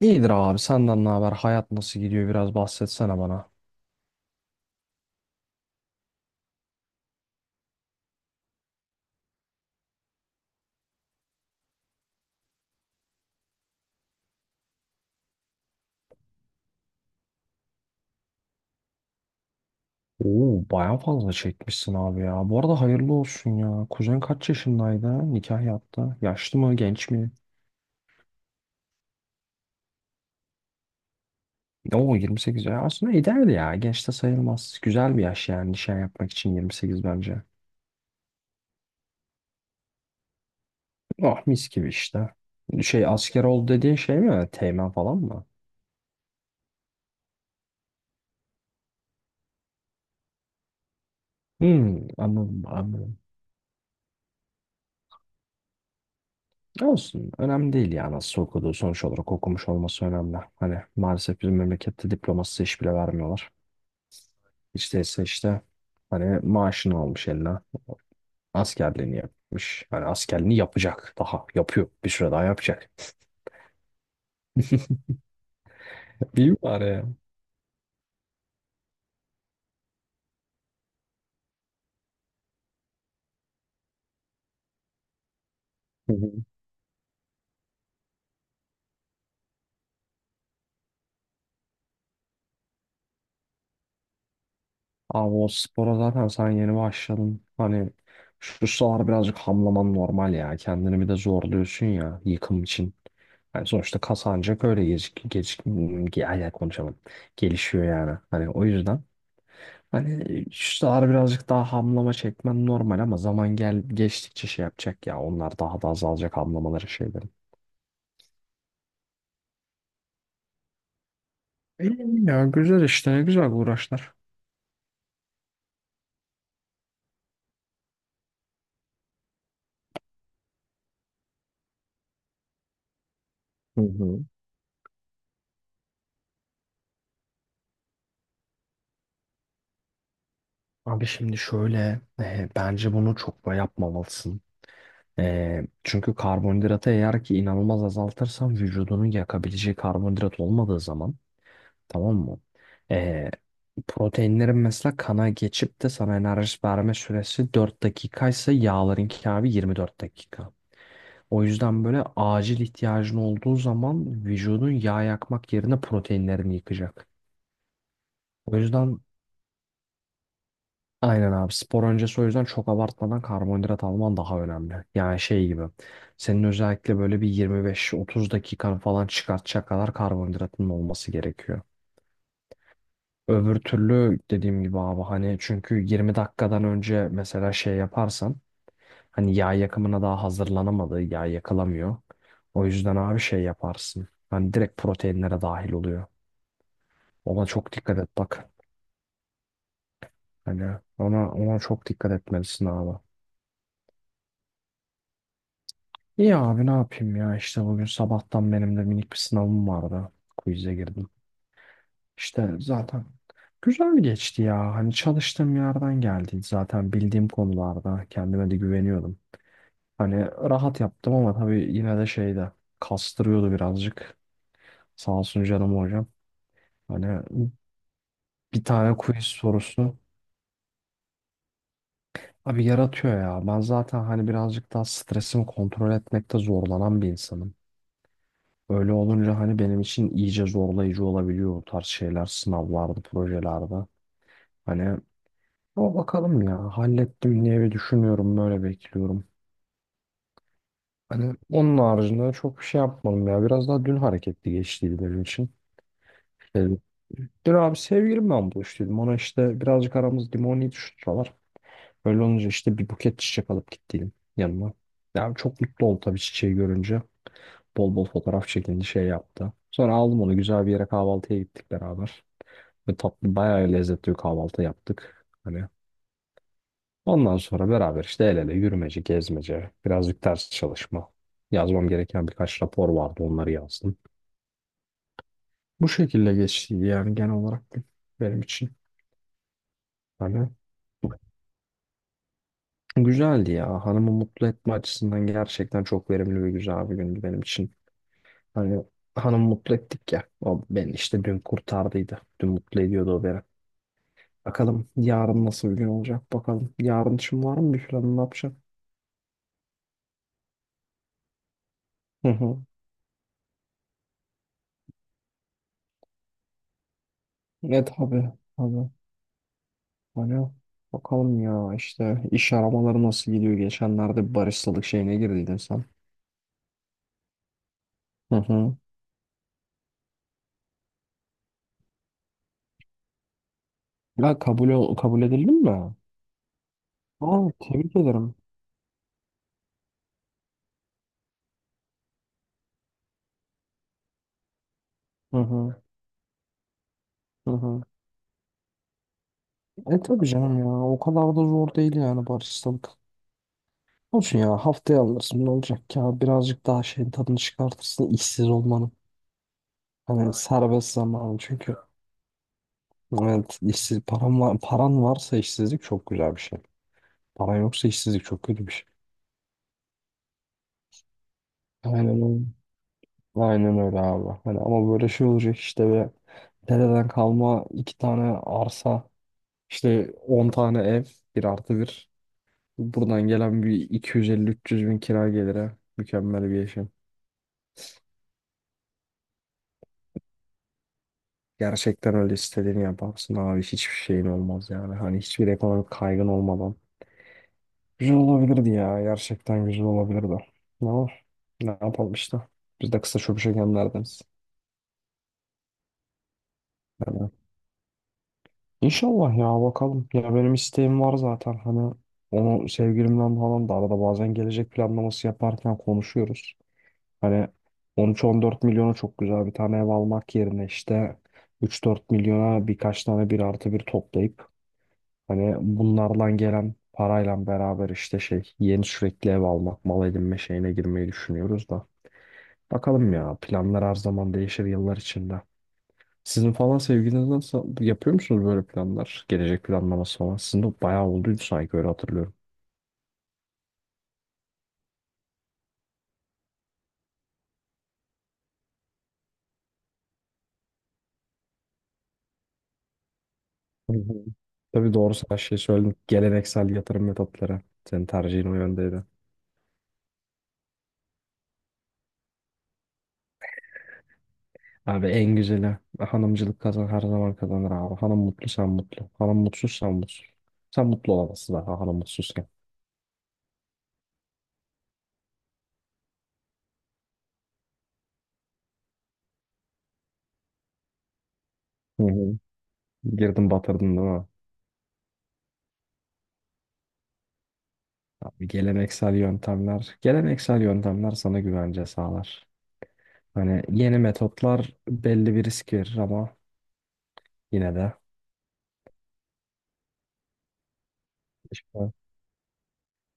İyidir abi, senden ne haber? Hayat nasıl gidiyor? Biraz bahsetsene bana. Oo baya fazla çekmişsin abi ya. Bu arada hayırlı olsun ya. Kuzen kaç yaşındaydı? Nikah yaptı. Yaşlı mı? Genç mi? Oo 28 ya. Aslında ideal ya. Genç de sayılmaz. Güzel bir yaş yani nişan yapmak için 28 bence. Ah mis gibi işte. Şey, asker oldu dediğin şey mi? Teğmen falan mı? Hmm, anladım. Olsun. Önemli değil ya nasıl okuduğu. Sonuç olarak okumuş olması önemli. Hani maalesef bizim memlekette diplomasız iş bile vermiyorlar. Hiç değilse işte, hani maaşını almış eline. Askerliğini yapmış. Hani askerliğini yapacak. Daha yapıyor. Bir süre daha yapacak. İyi bari ya. Hı hı. Abi o spora zaten sen yeni başladın. Hani şu sıralar birazcık hamlaman normal ya. Kendini bir de zorluyorsun ya yıkım için. Yani sonuçta kas ancak öyle ay, ay, konuşamadım. Gelişiyor yani. Hani o yüzden hani şu sıralar birazcık daha hamlama çekmen normal, ama zaman gel geçtikçe şey yapacak ya. Onlar daha da azalacak, hamlamaları şeyleri. İyi ya, güzel işte, ne güzel uğraşlar. Hı hı. Abi şimdi şöyle bence bunu çok da yapmamalısın. Çünkü karbonhidratı eğer ki inanılmaz azaltırsan vücudunun yakabileceği karbonhidrat olmadığı zaman, tamam mı? Ee, Proteinlerin mesela kana geçip de sana enerji verme süresi 4 dakikaysa yağlarınki abi 24 dakika. O yüzden böyle acil ihtiyacın olduğu zaman vücudun yağ yakmak yerine proteinlerini yıkacak. O yüzden, aynen abi, spor öncesi o yüzden çok abartmadan karbonhidrat alman daha önemli. Yani şey gibi, senin özellikle böyle bir 25-30 dakikan falan çıkartacak kadar karbonhidratın olması gerekiyor. Öbür türlü dediğim gibi abi, hani çünkü 20 dakikadan önce mesela şey yaparsan hani yağ yakımına daha hazırlanamadığı, yağ yakılamıyor. O yüzden abi şey yaparsın, hani direkt proteinlere dahil oluyor. Ona çok dikkat et bak, hani ona çok dikkat etmelisin abi. İyi abi, ne yapayım ya, işte bugün sabahtan benim de minik bir sınavım vardı. Quiz'e girdim. İşte zaten güzel geçti ya. Hani çalıştığım yerden geldi. Zaten bildiğim konularda kendime de güveniyordum. Hani rahat yaptım ama tabii yine de şeyde kastırıyordu birazcık. Sağ olsun canım hocam. Hani bir tane quiz sorusu abi yaratıyor ya. Ben zaten hani birazcık daha stresimi kontrol etmekte zorlanan bir insanım. Öyle olunca hani benim için iyice zorlayıcı olabiliyor o tarz şeyler, sınavlarda, projelerde. Hani o, bakalım ya, hallettim diye bir düşünüyorum, böyle bekliyorum. Hani onun haricinde çok bir şey yapmadım ya. Biraz daha dün hareketli geçtiydi benim için. Ee, Dün abi sevgilimle buluştuydum. Ona işte, birazcık aramız limoni tutuşturalar. Öyle olunca işte bir buket çiçek alıp gittiydim yanıma. Yani çok mutlu oldu tabii çiçeği görünce. Bol bol fotoğraf çekindi, şey yaptı. Sonra aldım onu, güzel bir yere kahvaltıya gittik beraber. Ve tatlı, bayağı lezzetli bir kahvaltı yaptık. Hani ondan sonra beraber işte el ele yürümece, gezmece, birazcık ders çalışma. Yazmam gereken birkaç rapor vardı, onları yazdım. Bu şekilde geçti yani genel olarak gün benim için. Hani güzeldi ya. Hanımı mutlu etme açısından gerçekten çok verimli ve güzel bir gündü benim için. Hani hanımı mutlu ettik ya. O beni işte dün kurtardıydı. Dün mutlu ediyordu o beni. Bakalım yarın nasıl bir gün olacak bakalım. Yarın için var mı bir planın, ne yapacaksın? Ne, tabii. Hani bakalım ya, işte iş aramaları nasıl gidiyor? Geçenlerde bir baristalık şeyine girdiydin sen. Hı hı. Ya kabul edildin mi? Aa, tebrik ederim. Hı hı. Hı hı. E tabii canım ya, o kadar da zor değil yani baristalık. Olsun ya, haftaya alırsın, ne olacak ki ya, birazcık daha şeyin tadını çıkartırsın işsiz olmanın. Hani serbest zamanı çünkü. Evet, işsiz paran var, paran varsa işsizlik çok güzel bir şey. Paran yoksa işsizlik çok kötü bir şey. Aynen öyle. Aynen öyle abi. Hani ama böyle şey olacak işte, ve dededen kalma iki tane arsa, işte 10 tane ev, bir artı bir. Buradan gelen bir iki yüz elli üç yüz bin kira gelire mükemmel bir yaşam. Gerçekten öyle, istediğini yaparsın abi, hiçbir şeyin olmaz yani. Hani hiçbir ekonomik kaygın olmadan. Güzel olabilirdi ya, gerçekten güzel olabilirdi. Ama ne yapalım işte. Biz de kısa çöpüşe gemlerdeniz. İnşallah ya, bakalım. Ya benim isteğim var zaten, hani onu sevgilimden falan da arada bazen gelecek planlaması yaparken konuşuyoruz. Hani 13-14 milyona çok güzel bir tane ev almak yerine işte 3-4 milyona birkaç tane bir artı bir toplayıp, hani bunlardan gelen parayla beraber işte şey, yeni sürekli ev almak, mal edinme şeyine girmeyi düşünüyoruz da. Bakalım ya, planlar her zaman değişir yıllar içinde. Sizin falan sevgiliniz nasıl, yapıyor musunuz böyle planlar? Gelecek planlaması falan. Sizin de bayağı olduydu sanki öyle hatırlıyorum. Hı hı. Tabii doğru, sen şey söyledin. Geleneksel yatırım metotları. Senin tercihin o yöndeydi. Abi en güzeli hanımcılık, kazan her zaman kazanır abi. Hanım mutlu sen mutlu. Hanım mutsuz sen mutsuz. Sen mutlu olamazsın daha hanım mutsuzken. Hı hı. Girdin batırdın değil mi? Abi geleneksel yöntemler sana güvence sağlar. Hani yeni metotlar belli bir risk verir ama yine de, işte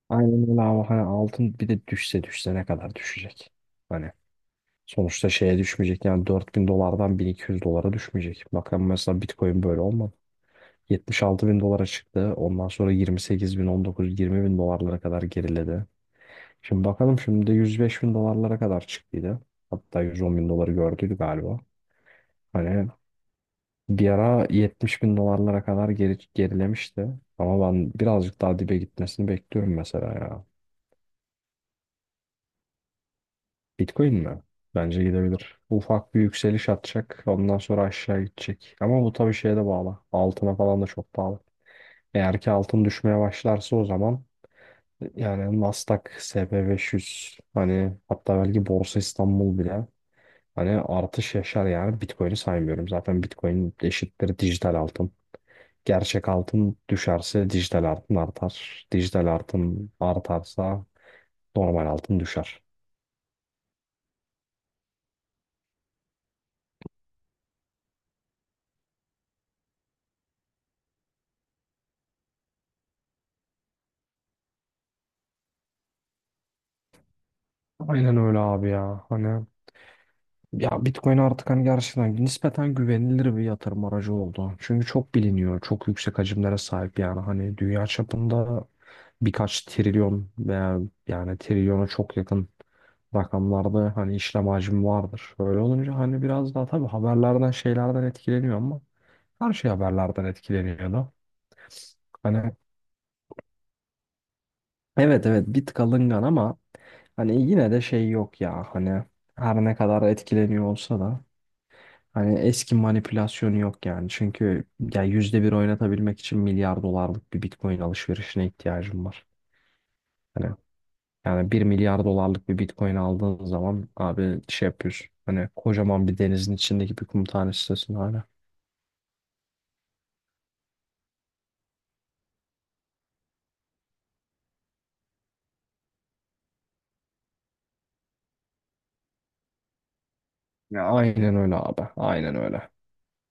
aynen öyle abi. Hani altın bir de düşse düşse ne kadar düşecek? Hani sonuçta şeye düşmeyecek yani, 4.000 dolardan 1.200 dolara düşmeyecek. Bakın mesela Bitcoin böyle olmadı. 76 bin dolara çıktı. Ondan sonra 28 bin, 19, 20 bin dolarlara kadar geriledi. Şimdi bakalım, şimdi de 105 bin dolarlara kadar çıktıydı. Hatta 110 bin doları gördüydü galiba. Hani bir ara 70 bin dolarlara kadar gerilemişti. Ama ben birazcık daha dibe gitmesini bekliyorum mesela ya. Bitcoin mi? Bence gidebilir. Ufak bir yükseliş atacak. Ondan sonra aşağı gidecek. Ama bu tabii şeye de bağlı. Altına falan da çok bağlı. Eğer ki altın düşmeye başlarsa o zaman, yani Nasdaq, SP500, hani hatta belki Borsa İstanbul bile hani artış yaşar, yani Bitcoin'i saymıyorum. Zaten Bitcoin eşittir dijital altın. Gerçek altın düşerse dijital altın artar. Dijital altın artarsa normal altın düşer. Aynen öyle abi ya. Hani ya Bitcoin artık hani gerçekten nispeten güvenilir bir yatırım aracı oldu. Çünkü çok biliniyor. Çok yüksek hacimlere sahip yani. Hani dünya çapında birkaç trilyon veya yani trilyona çok yakın rakamlarda hani işlem hacmi vardır. Öyle olunca hani biraz daha tabii haberlerden şeylerden etkileniyor ama her şey haberlerden etkileniyor da. Hani evet, bir tık alıngan ama hani yine de şey yok ya, hani her ne kadar etkileniyor olsa da hani eski manipülasyonu yok yani. Çünkü ya yüzde bir oynatabilmek için milyar dolarlık bir Bitcoin alışverişine ihtiyacım var. Hani yani bir milyar dolarlık bir Bitcoin aldığın zaman abi şey yapıyorsun, hani kocaman bir denizin içindeki bir kum tanesisin hala. Ya aynen öyle abi. Aynen öyle.